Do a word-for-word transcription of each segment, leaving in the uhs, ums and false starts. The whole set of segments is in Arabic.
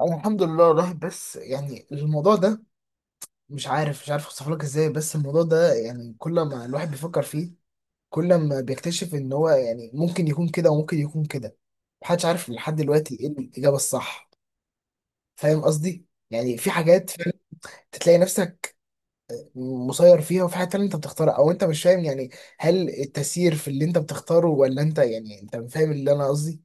أنا الحمد لله الواحد، بس يعني الموضوع ده مش عارف مش عارف اوصف لك ازاي. بس الموضوع ده يعني كل ما الواحد بيفكر فيه، كل ما بيكتشف ان هو يعني ممكن يكون كده وممكن يكون كده. محدش عارف لحد دلوقتي ايه الاجابه الصح. فاهم قصدي؟ يعني في حاجات فعلا تلاقي نفسك مسير فيها، وفي حاجات تانية انت بتختارها. او انت مش فاهم يعني هل التسيير في اللي انت بتختاره ولا انت؟ يعني انت فاهم اللي انا قصدي.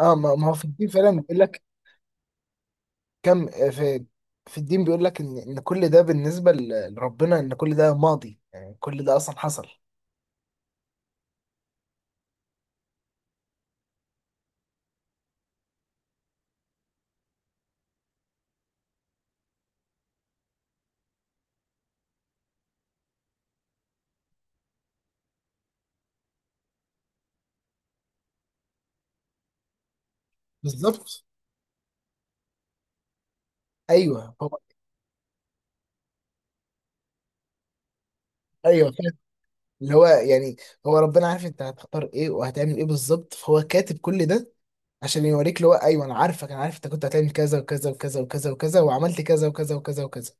اه، ما ما هو في الدين فعلا بيقول لك. كم في. في الدين بيقول لك ان ان كل ده بالنسبه ل- لربنا، ان كل ده ماضي، يعني كل ده اصلا حصل. بالظبط. ايوه هو. ايوه فاهم. اللي هو يعني هو ربنا عارف انت هتختار ايه وهتعمل ايه بالظبط، فهو كاتب كل ده عشان يوريك اللي هو: ايوه انا عارفك، انا عارف انت كنت هتعمل كذا وكذا وكذا وكذا وكذا، وعملت كذا وكذا وكذا وكذا.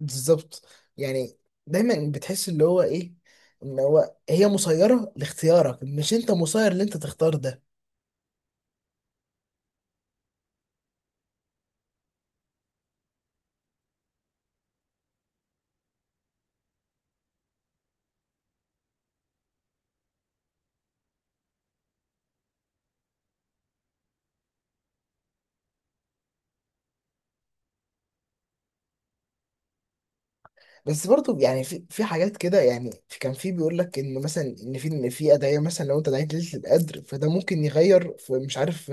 بالظبط. يعني دايما بتحس اللي هو ايه؟ ان هو، هي مسيره لاختيارك، مش انت مسير اللي انت تختار ده. بس برضو يعني في في حاجات كده. يعني في كان في بيقول لك ان مثلا ان في إن في ادعيه، مثلا لو انت دعيت ليله القدر فده ممكن يغير في، مش عارف،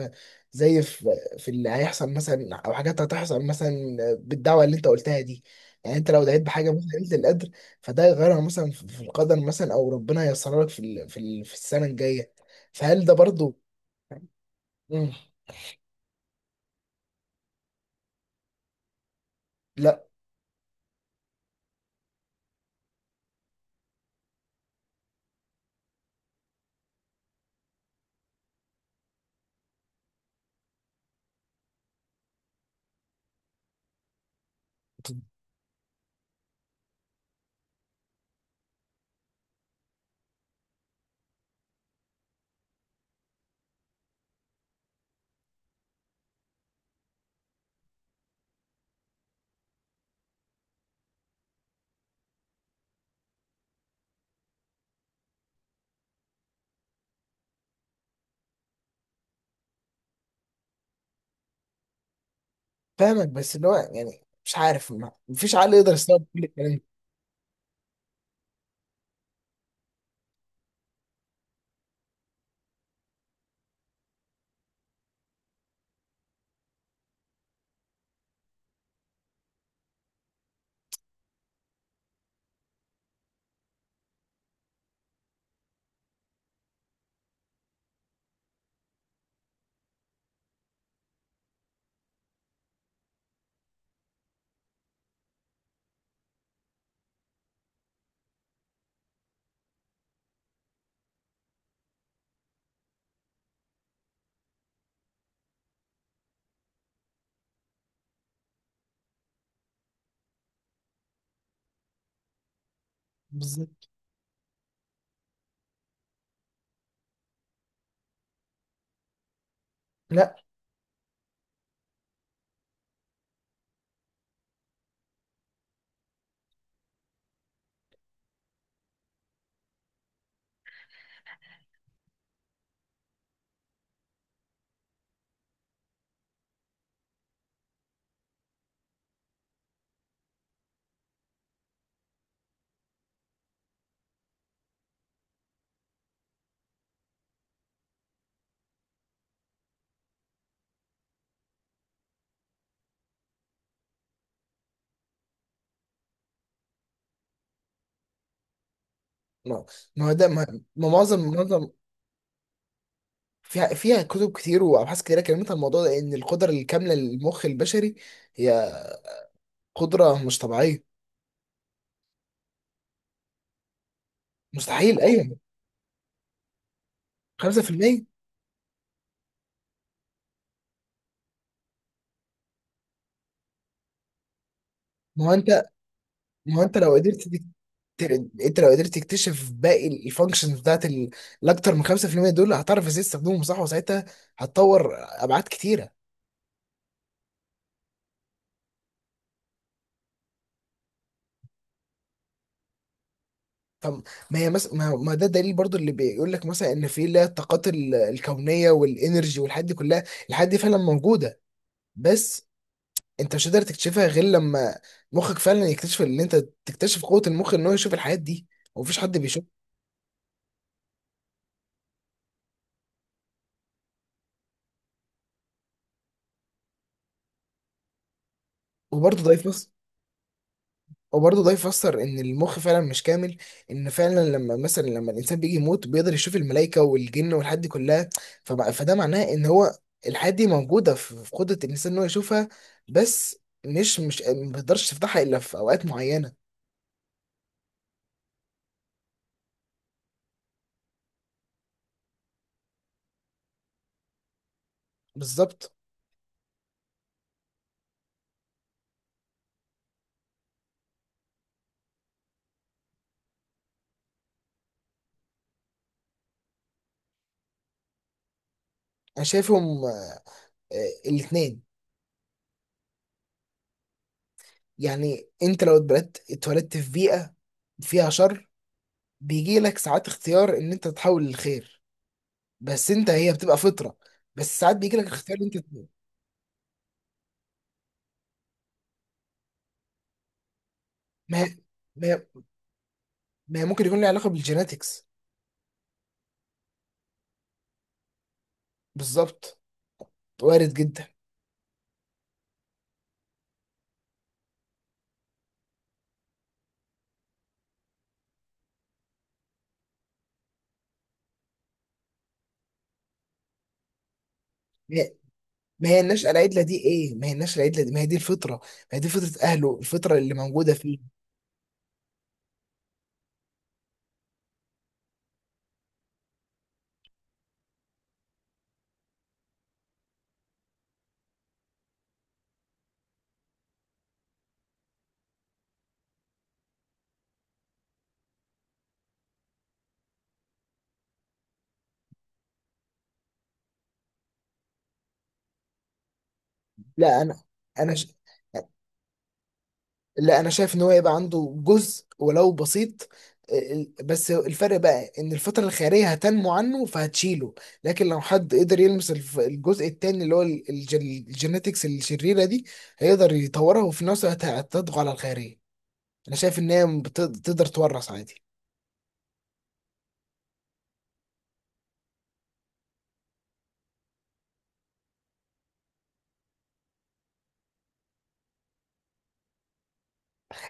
زي في في اللي هيحصل مثلا، او حاجات هتحصل مثلا بالدعوه اللي انت قلتها دي. يعني انت لو دعيت بحاجه مثلا ليله القدر، فده يغيرها مثلا في في القدر مثلا، او ربنا ييسرها لك في ال- في ال- في السنه الجايه. فهل ده برضو؟ مم. لا، فاهمك. بس اللي هو يعني مش عارف، ما- مفيش عقل يقدر يستوعب كل الكلام ده. بالظبط. لا. ما ما هو ده. ما ما معظم معظم. فيها فيها كتب كتير وابحاث كتيره كلمت عن الموضوع ده ان القدره الكامله للمخ البشري هي قدره مش طبيعيه. مستحيل، ايوه. خمسة في المئة. ما هو انت ما هو انت لو قدرت تك- تر- انت لو قدرت تكتشف باقي الفانكشنز بتاعت ال- الاكتر من خمسة في المئة دول، هتعرف ازاي تستخدمهم صح، وساعتها هتطور ابعاد كتيره. فما هي مس... ما... ما ده دليل برضو اللي بيقول لك مثلا ان في اللي هي الطاقات ال- الكونيه والانرجي والحاجات دي كلها. الحاجات دي فعلا موجوده، بس انت مش قادر تكتشفها غير لما مخك فعلا يكتشف ان انت تكتشف قوة المخ ان هو يشوف الحاجات دي. ومفيش حد بيشوف. وبرضه ده يفسر. وبرضه ده يفسر ان المخ فعلا مش كامل، ان فعلا لما مثلا لما الانسان بيجي يموت بيقدر يشوف الملائكة والجن والحاجات دي كلها. فبقى فده معناه ان هو، الحاجات دي موجودة في في قدرة الانسان ان هو يشوفها، بس مش مش ما بيقدرش تفتحها الا في اوقات معينة. بالظبط. انا شايفهم آه، الاتنين. يعني انت لو اتبلدت اتولدت في بيئة فيها شر، بيجي لك ساعات اختيار ان انت تتحول للخير. بس انت هي بتبقى فطره. بس ساعات بيجي لك اختيار ان انت ت-. ما هي ما هي ما هي ممكن يكون له علاقه بالجيناتكس. بالظبط، وارد جدا. ما هي ما هي النشأة العدلة دي ايه؟ ما هي النشأة العدلة دي؟ ما هي دي الفطرة! ما هي دي فطرة اهله، الفطرة اللي موجودة فيه. لا انا. انا ش... لا انا شايف ان هو يبقى عنده جزء ولو بسيط. آه، ال- بس الفرق بقى ان الفترة الخيرية هتنمو عنه فهتشيله، لكن لو حد قدر يلمس الف- الجزء التاني، اللي هو ال- الج- الجينيتكس الشريرة دي، هيقدر يطورها وفي نفس الوقت هتضغط على الخيرية. انا شايف ان هي بت- تقدر تورث عادي.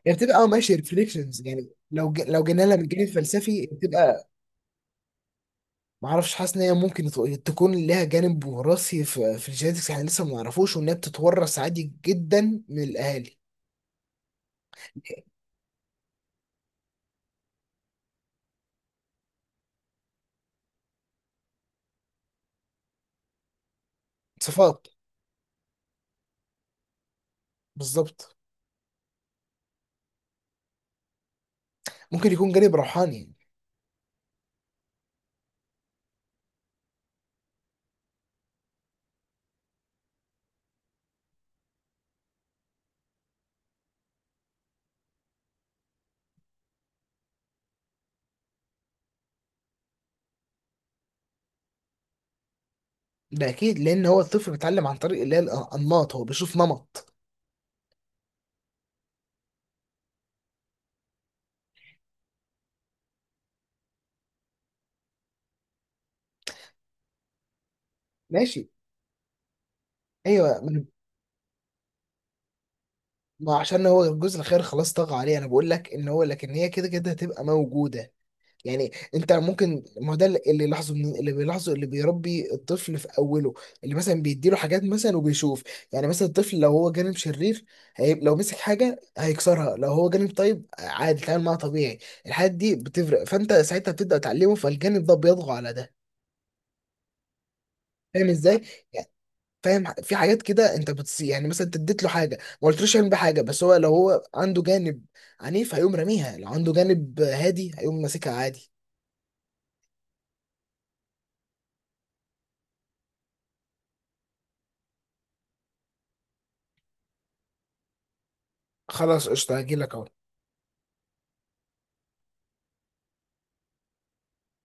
هي بتبقى اه ماشي ريفليكشنز. يعني لو ج... لو جينا لها من الجانب الفلسفي بتبقى. معرفش، حاسس ان هي ممكن يت- تكون لها جانب وراثي في, في الجينيتكس، احنا لسه ما نعرفوش، وان هي بتتورث عادي جدا من الاهالي. صفات. بالظبط. ممكن يكون جانب روحاني. ده اكيد لان هو الطفل بيتعلم عن طريق اللي هي الانماط، هو بيشوف نمط. ماشي. ايوه من- ما عشان هو الجزء الخير خلاص طغى عليه. انا بقول لك ان هو لكن هي كده كده هتبقى موجوده. يعني انت ممكن، ما هو ده اللي بيلاحظه، من اللي بيلاحظه اللي بيربي الطفل في اوله، اللي مثلا بيديله حاجات مثلا وبيشوف. يعني مثلا الطفل لو هو جانب شرير، هي... لو مسك حاجه هيكسرها، لو هو جانب طيب عادي يتعامل معاها طبيعي. الحاجات دي بتفرق، فانت ساعتها بتبدا تعلمه فالجانب ده بيطغى على ده. فاهم ازاي؟ يعني فاهم، ح- في حاجات كده انت بتص، يعني مثلا انت اديت له حاجه ما قلتلوش يعمل بيها حاجه، بس هو لو هو عنده جانب عنيف هيقوم راميها، لو عنده جانب هادي هيقوم ماسكها عادي. خلاص قشطه، هجيلك اهو.